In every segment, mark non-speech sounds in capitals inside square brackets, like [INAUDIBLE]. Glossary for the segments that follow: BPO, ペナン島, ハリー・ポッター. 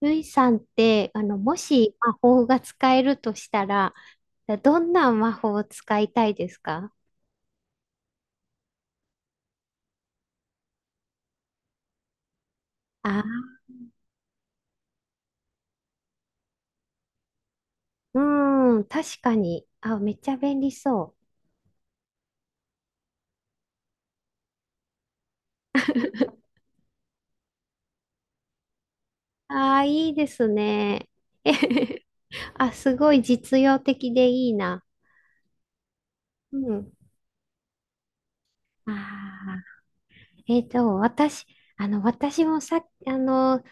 ルイさんって、もし魔法が使えるとしたら、どんな魔法を使いたいですか？あ、うーん、確かに。あ、めっちゃ便利そう。[LAUGHS] ああ、いいですね。[LAUGHS] えへへ。あ、すごい実用的でいいな。うん。ああ、えっと、私、私もさ、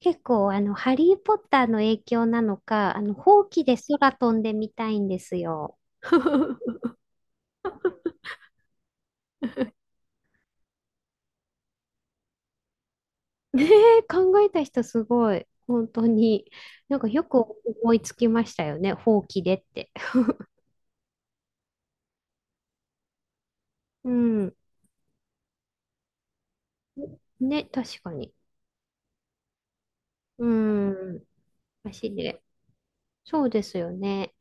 結構、ハリー・ポッターの影響なのか、ほうきで空飛んでみたいんですよ。[LAUGHS] ねえ、考えた人すごい。本当に。なんかよく思いつきましたよね。ほうきでって。うん。ね、確かに。うん。足で。そうですよね。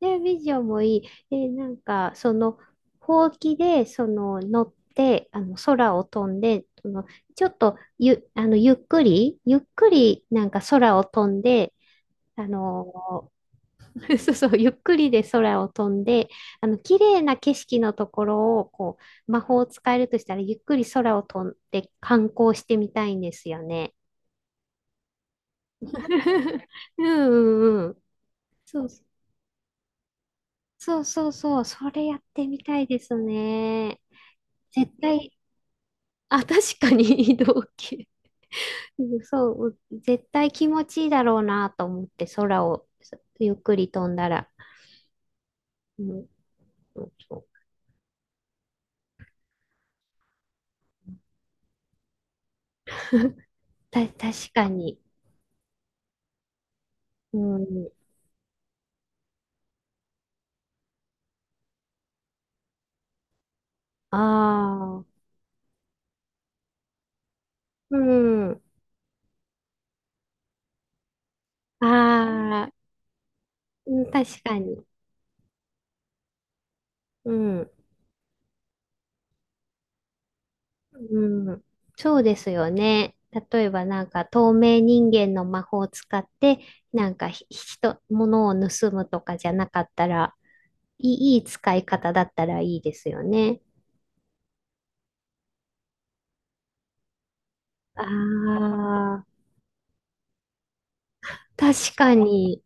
で、ビジョンもいい。で、なんか、ほうきで、乗って、空を飛んで、ちょっと、ゆ、あの、ゆっくり、ゆっくり、なんか空を飛んで、あの、[LAUGHS] そうそう、ゆっくりで空を飛んで、綺麗な景色のところを、こう、魔法を使えるとしたら、ゆっくり空を飛んで観光してみたいんですよね。[LAUGHS] うんうんうん。そうそうそうそう、それやってみたいですね。絶対、あ、確かに。 [LAUGHS] 移動系。うん、そう、絶対気持ちいいだろうなと思って、空をゆっくり飛んだら。うん、そうそう、確かに。うん、ああ。うん。ああ、うん、確かに。うん。うん。そうですよね。例えばなんか透明人間の魔法を使って、なんか物を盗むとかじゃなかったら、いいい使い方だったらいいですよね。ああ、確かに。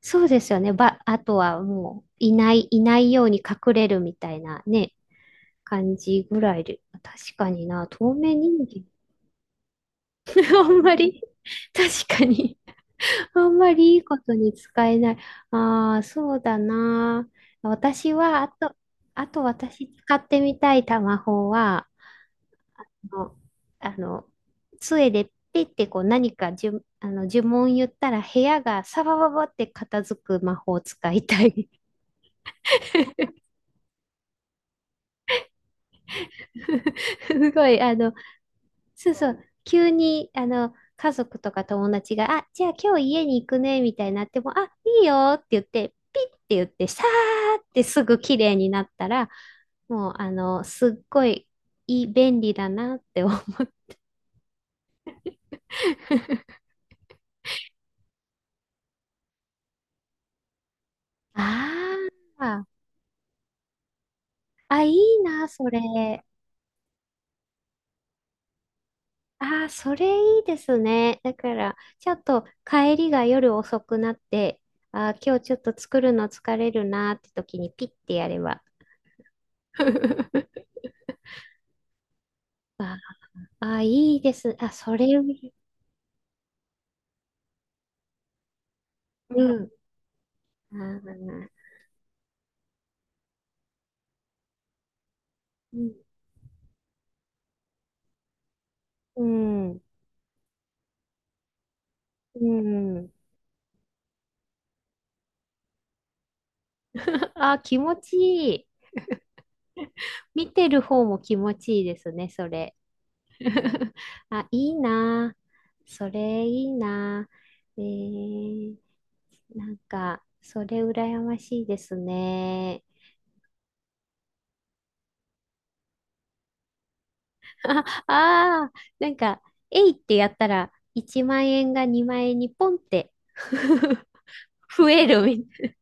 そうですよね。あとはもう、いないように隠れるみたいなね、感じぐらいで。確かにな、透明人間。[LAUGHS] あんまり、確かに、あんまりいいことに使えない。ああ、そうだな。私は、あと私使ってみたいタマホは、あの、あの杖でピッてこう何かじゅ、あの呪文言ったら部屋がサバババって片付く魔法を使いたい。[LAUGHS] すごい、そうそう、急に、家族とか友達が、あ、じゃあ今日家に行くね、みたいになっても、あ、いいよって言って、ピッって言って、さーってすぐ綺麗になったら、もう、すっごい、いい、便利だなって思う。[LAUGHS] ああ、あ、いいな、それ。ああ、それいいですね。だから、ちょっと帰りが夜遅くなって、ああ、今日ちょっと作るの疲れるなって時にピッてやれば。[LAUGHS] ああ、いいです。あ、それ、うん。あー、うん。うん。うん。[LAUGHS] あ、気持ちいい。見てる方も気持ちいいですね、それ。[LAUGHS] あ、いいなあ。それいいなあ。えー、なんか、それ羨ましいですね。[LAUGHS] ああー、なんか、えいってやったら、1万円が2万円にポンって [LAUGHS] 増えるみたい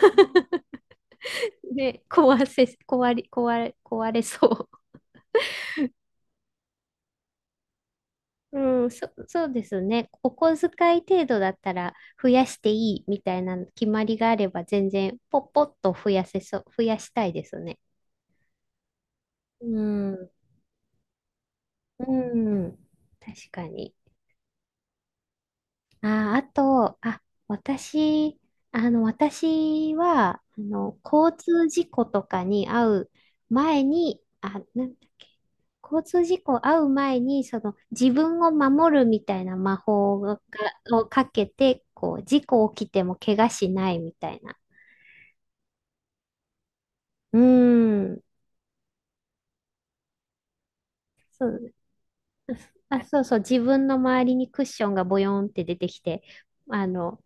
な。で、壊せ、壊れ、壊れ、壊れそう。うん、そうですね。お小遣い程度だったら増やしていいみたいな決まりがあれば全然ポッポッと増やせそう、増やしたいですね。うん、うん、確かに。あー、あと、あ、私、私は、交通事故とかに遭う前に、あ、なんだっけ、交通事故遭う前に、自分を守るみたいな魔法が、をかけて、こう、事故起きても怪我しないみたいな。うーん、そう、[LAUGHS] あ、そうそう、自分の周りにクッションがボヨンって出てきて、あの、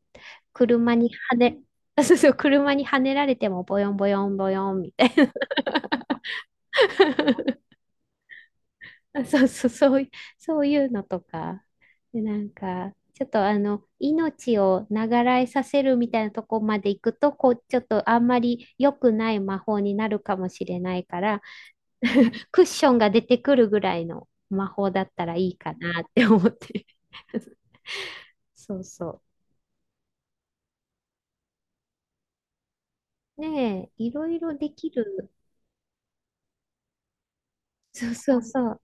車に跳ね、[LAUGHS] そうそう、車に跳ねられてもボヨンボヨンボヨンみたいな。[LAUGHS] そうそう、そういうのとか。で、なんか、ちょっと命を長らえさせるみたいなとこまで行くと、こう、ちょっとあんまり良くない魔法になるかもしれないから、[LAUGHS] クッションが出てくるぐらいの魔法だったらいいかなって思って。[LAUGHS] そうそう。ねえ、いろいろできる。そうそうそう。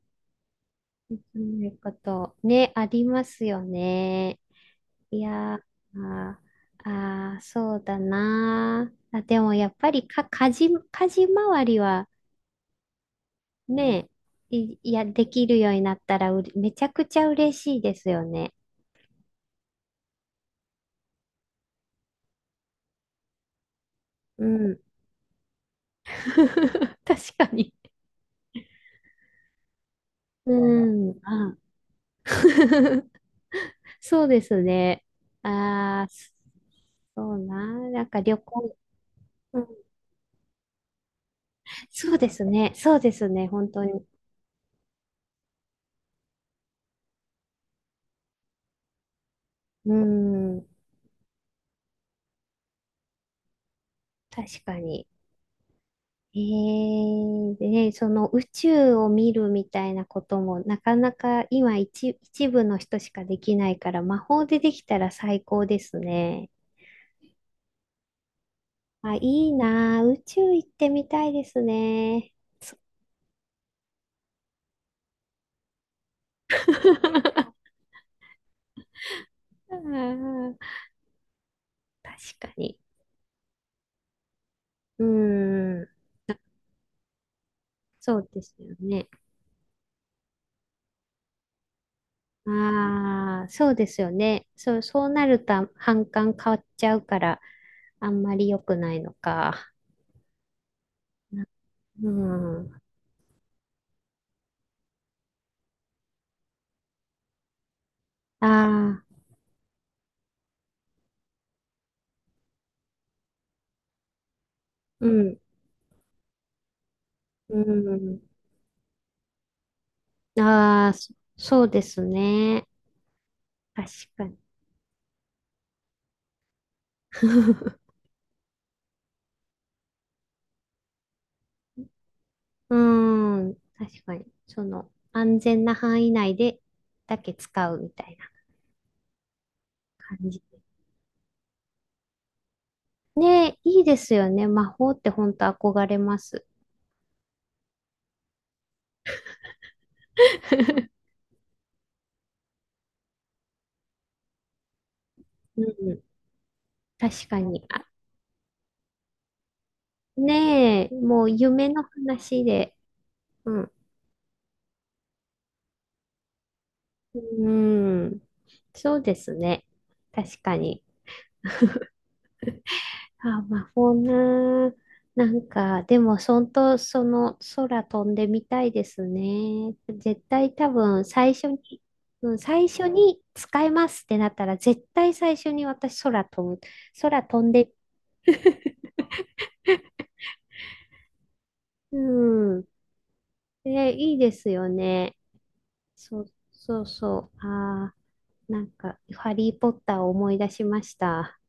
できないこと、ね、ありますよね。いやー、あー、あー、そうだなー。あ、でもやっぱりか、家事周りはね、いや、できるようになったらめちゃくちゃ嬉しいですよね。うん。[LAUGHS] 確かに。うん。あ。 [LAUGHS] そうですね。ああ、そうなー。なんか旅行、うん、そうですね。そうですね。本当に。うん。確かに。でね、その宇宙を見るみたいなこともなかなか一部の人しかできないから魔法でできたら最高ですね。あ、いいなあ、宇宙行ってみたいですね。そ [LAUGHS] あー、確かに。うーん、そうですよね。ああ、そうですよね。そう、そうなると反感変わっちゃうからあんまり良くないのか。うん。ああ。うん。うん。ああ、そうですね。確かに。[LAUGHS] うーん。確かに。安全な範囲内で、だけ使うみたいな感じ。ねえ、いいですよね。魔法って本当憧れます。[LAUGHS] うん。確かに。あ、ねえ、もう夢の話で。うん。うん。そうですね。確かに。あ、魔法な。なんか、でも、そんと、その、空飛んでみたいですね。絶対多分、最初に、うん、最初に使えますってなったら、絶対最初に私、空飛ぶ。空飛んで、うん。え、いいですよね。そう、そうそう。ああ、なんか、ハリーポッターを思い出しました。